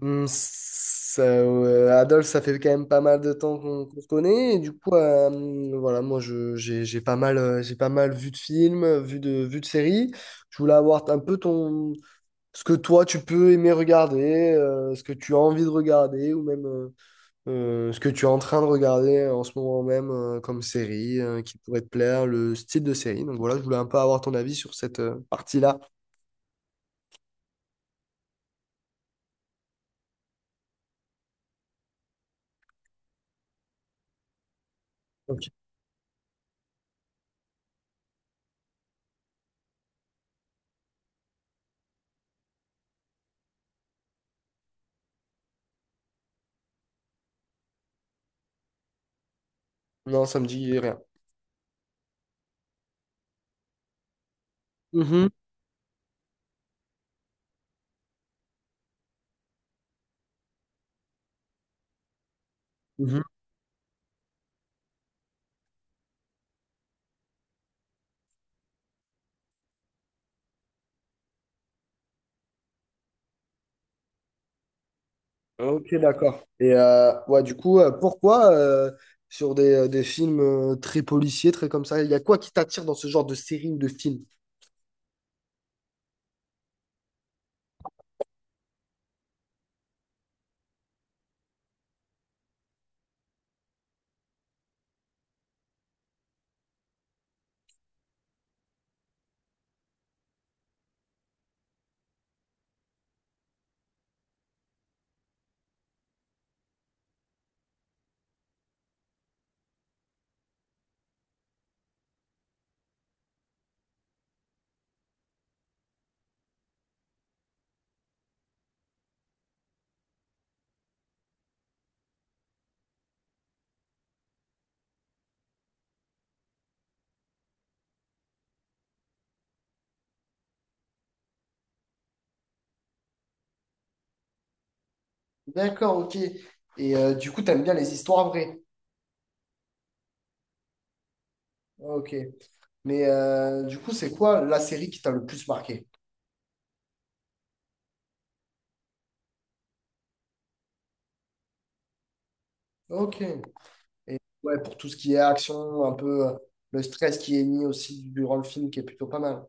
Adolphe, ça fait quand même pas mal de temps qu'on se connaît. Et du coup, voilà, j'ai pas mal vu de films, vu de séries. Je voulais avoir un peu ton, ce que toi, tu peux aimer regarder, ce que tu as envie de regarder, ou même ce que tu es en train de regarder en ce moment même comme série, qui pourrait te plaire, le style de série. Donc voilà, je voulais un peu avoir ton avis sur cette partie-là. Ok. Non, ça me dit rien. Mhm. Mhm. Ok, d'accord. Et ouais, du coup, pourquoi sur des films très policiers, très comme ça, il y a quoi qui t'attire dans ce genre de série ou de film? D'accord, ok. Et du coup, t'aimes bien les histoires vraies. Ok. Mais du coup, c'est quoi la série qui t'a le plus marqué? Ok. Et ouais, pour tout ce qui est action, un peu le stress qui est mis aussi durant le film, qui est plutôt pas mal.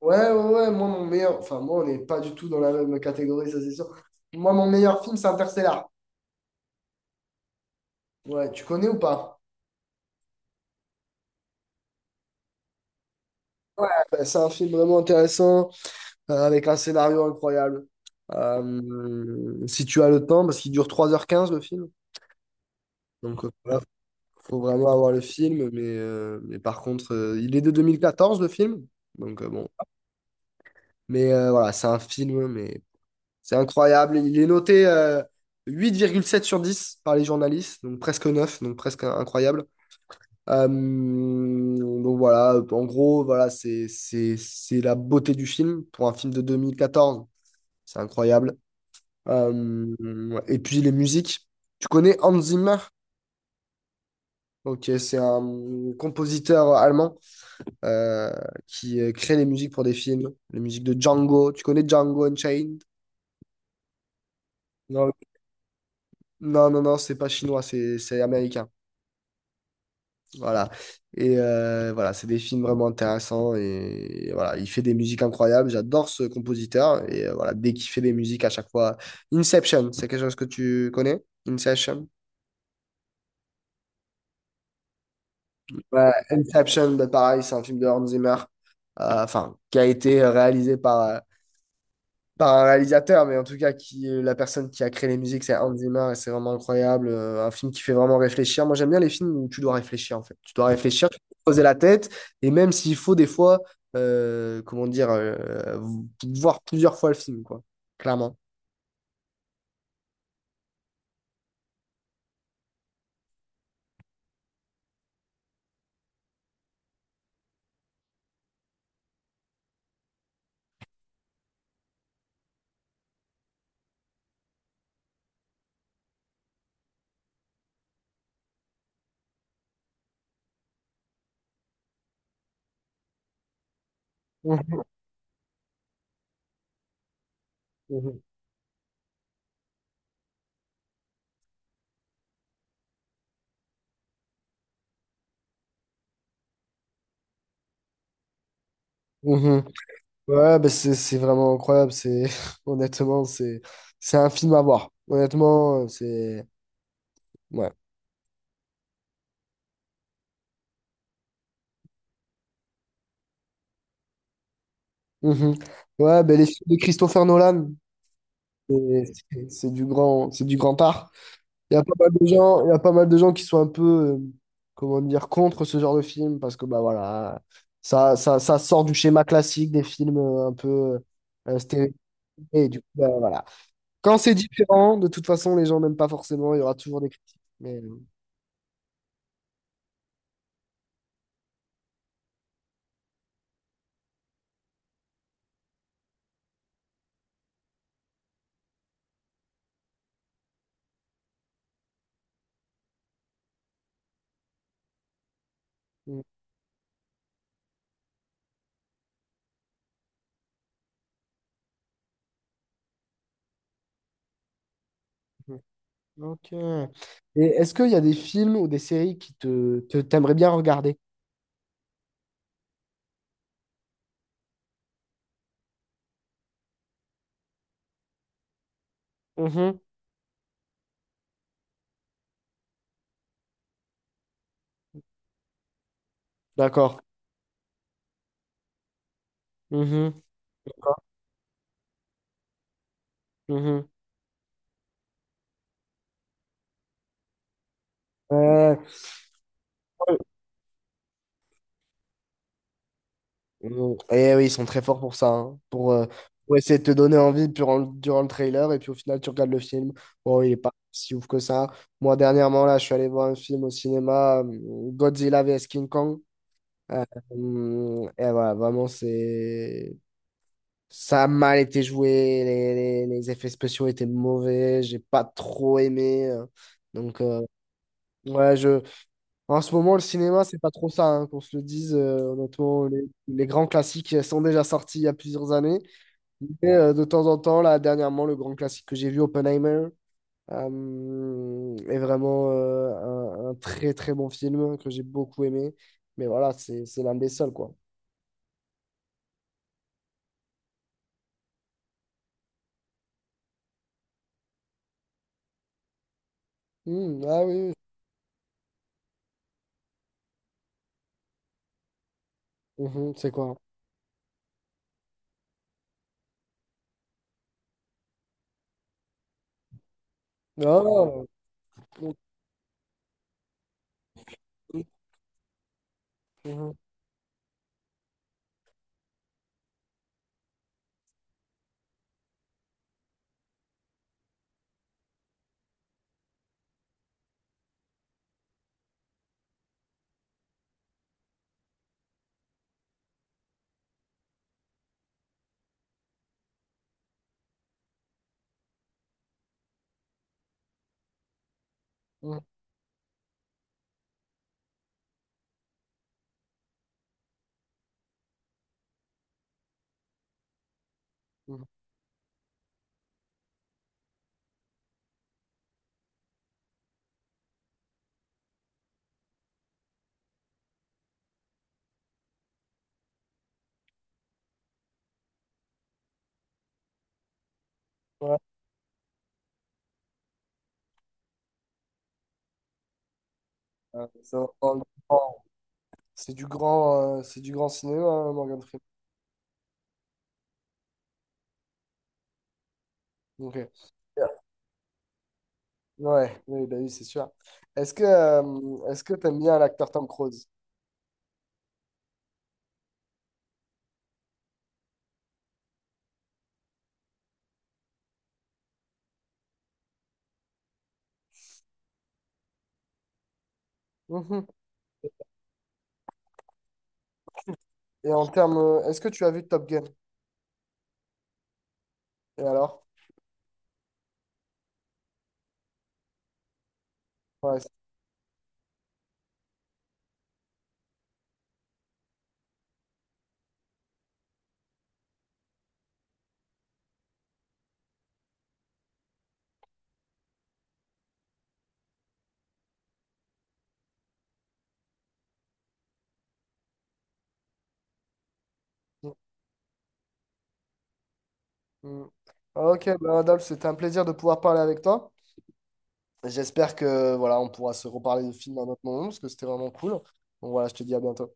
Ouais, ouais, ouais, moi, mon meilleur. Enfin, moi, on n'est pas du tout dans la même catégorie, ça c'est sûr. Moi, mon meilleur film, c'est Interstellar. Ouais, tu connais ou pas? Ouais. Ben, c'est un film vraiment intéressant, avec un scénario incroyable. Si tu as le temps, parce qu'il dure 3 h 15 le film. Donc voilà, faut vraiment avoir le film. Mais par contre, il est de 2014 le film. Donc bon. Mais voilà, c'est un film, mais c'est incroyable. Il est noté 8,7 sur 10 par les journalistes, donc presque 9 donc presque incroyable. Euh, donc voilà, en gros, voilà, c'est la beauté du film. Pour un film de 2014 c'est incroyable. Euh, et puis les musiques. Tu connais Hans Zimmer? Ok, c'est un compositeur allemand euh, qui crée les musiques pour des films. Les musiques de Django. Tu connais Django Unchained? Non, non, c'est pas chinois, c'est américain. Voilà. Et voilà, c'est des films vraiment intéressants. Et, voilà, il fait des musiques incroyables. J'adore ce compositeur. Et voilà, dès qu'il fait des musiques à chaque fois. Inception, c'est quelque chose que tu connais? Inception? Ouais, Inception, bah, pareil, c'est un film de Hans Zimmer. Enfin, qui a été réalisé par, par un réalisateur, mais en tout cas, qui, la personne qui a créé les musiques, c'est Hans Zimmer, et c'est vraiment incroyable. Un film qui fait vraiment réfléchir. Moi, j'aime bien les films où tu dois réfléchir, en fait. Tu dois réfléchir, tu dois te poser la tête, et même s'il faut, des fois, comment dire, voir plusieurs fois le film, quoi, clairement. Mhm, mhm, mhm. Ouais, bah c'est vraiment incroyable. C'est honnêtement, c'est un film à voir. Honnêtement, c'est ouais. Mhm. Ouais, bah les films de Christopher Nolan. Et c'est du grand art. Il y a pas mal de gens, il y a pas mal de gens qui sont un peu, comment dire, contre ce genre de film parce que bah voilà, ça sort du schéma classique des films un peu stéréotypés. Et du coup, bah, voilà. Quand c'est différent, de toute façon, les gens n'aiment pas forcément. Il y aura toujours des critiques. Mais... Mhm. Ok. Et est-ce qu'il y a des films ou des séries qui t'aimerais bien regarder? Mhm. D'accord. Mhm. D'accord. Mhm. Ouais. Mm. Et oui, ils sont très forts pour ça, hein, pour, pour essayer de te donner envie durant, durant le trailer, et puis au final, tu regardes le film. Bon, il est pas si ouf que ça. Moi, dernièrement, là, je suis allé voir un film au cinéma, Godzilla vs King Kong. Et voilà, vraiment, c'est... Ça a mal été joué, les effets spéciaux étaient mauvais, j'ai pas trop aimé. donc, euh, ouais, je... En ce moment, le cinéma, c'est pas trop ça, hein, qu'on se le dise. Honnêtement, les grands classiques sont déjà sortis il y a plusieurs années. Mais de temps en temps, là, dernièrement, le grand classique que j'ai vu, Oppenheimer, est vraiment un très très bon film que j'ai beaucoup aimé. Mais voilà, c'est l'un des seuls, quoi. Hmm, ah oui, oui. Mhm, c'est quoi? Oh, ok. Mhm, mhm, mhm. Ouais, c'est vraiment du grand, c'est du grand c'est du grand cinéma, hein, Morgan Freeman. Ok. Ouais, oui, bah oui, c'est sûr. Est-ce que t'aimes bien l'acteur Tom Cruise? Mhm. Et en termes, est-ce que tu as vu Top Gun? Et alors? Ouais. c'est- Mhm. Ok, bah, Adolphe, c'était un plaisir de pouvoir parler avec toi. J'espère que voilà, on pourra se reparler de film à un autre moment parce que c'était vraiment cool. Donc voilà, je te dis à bientôt.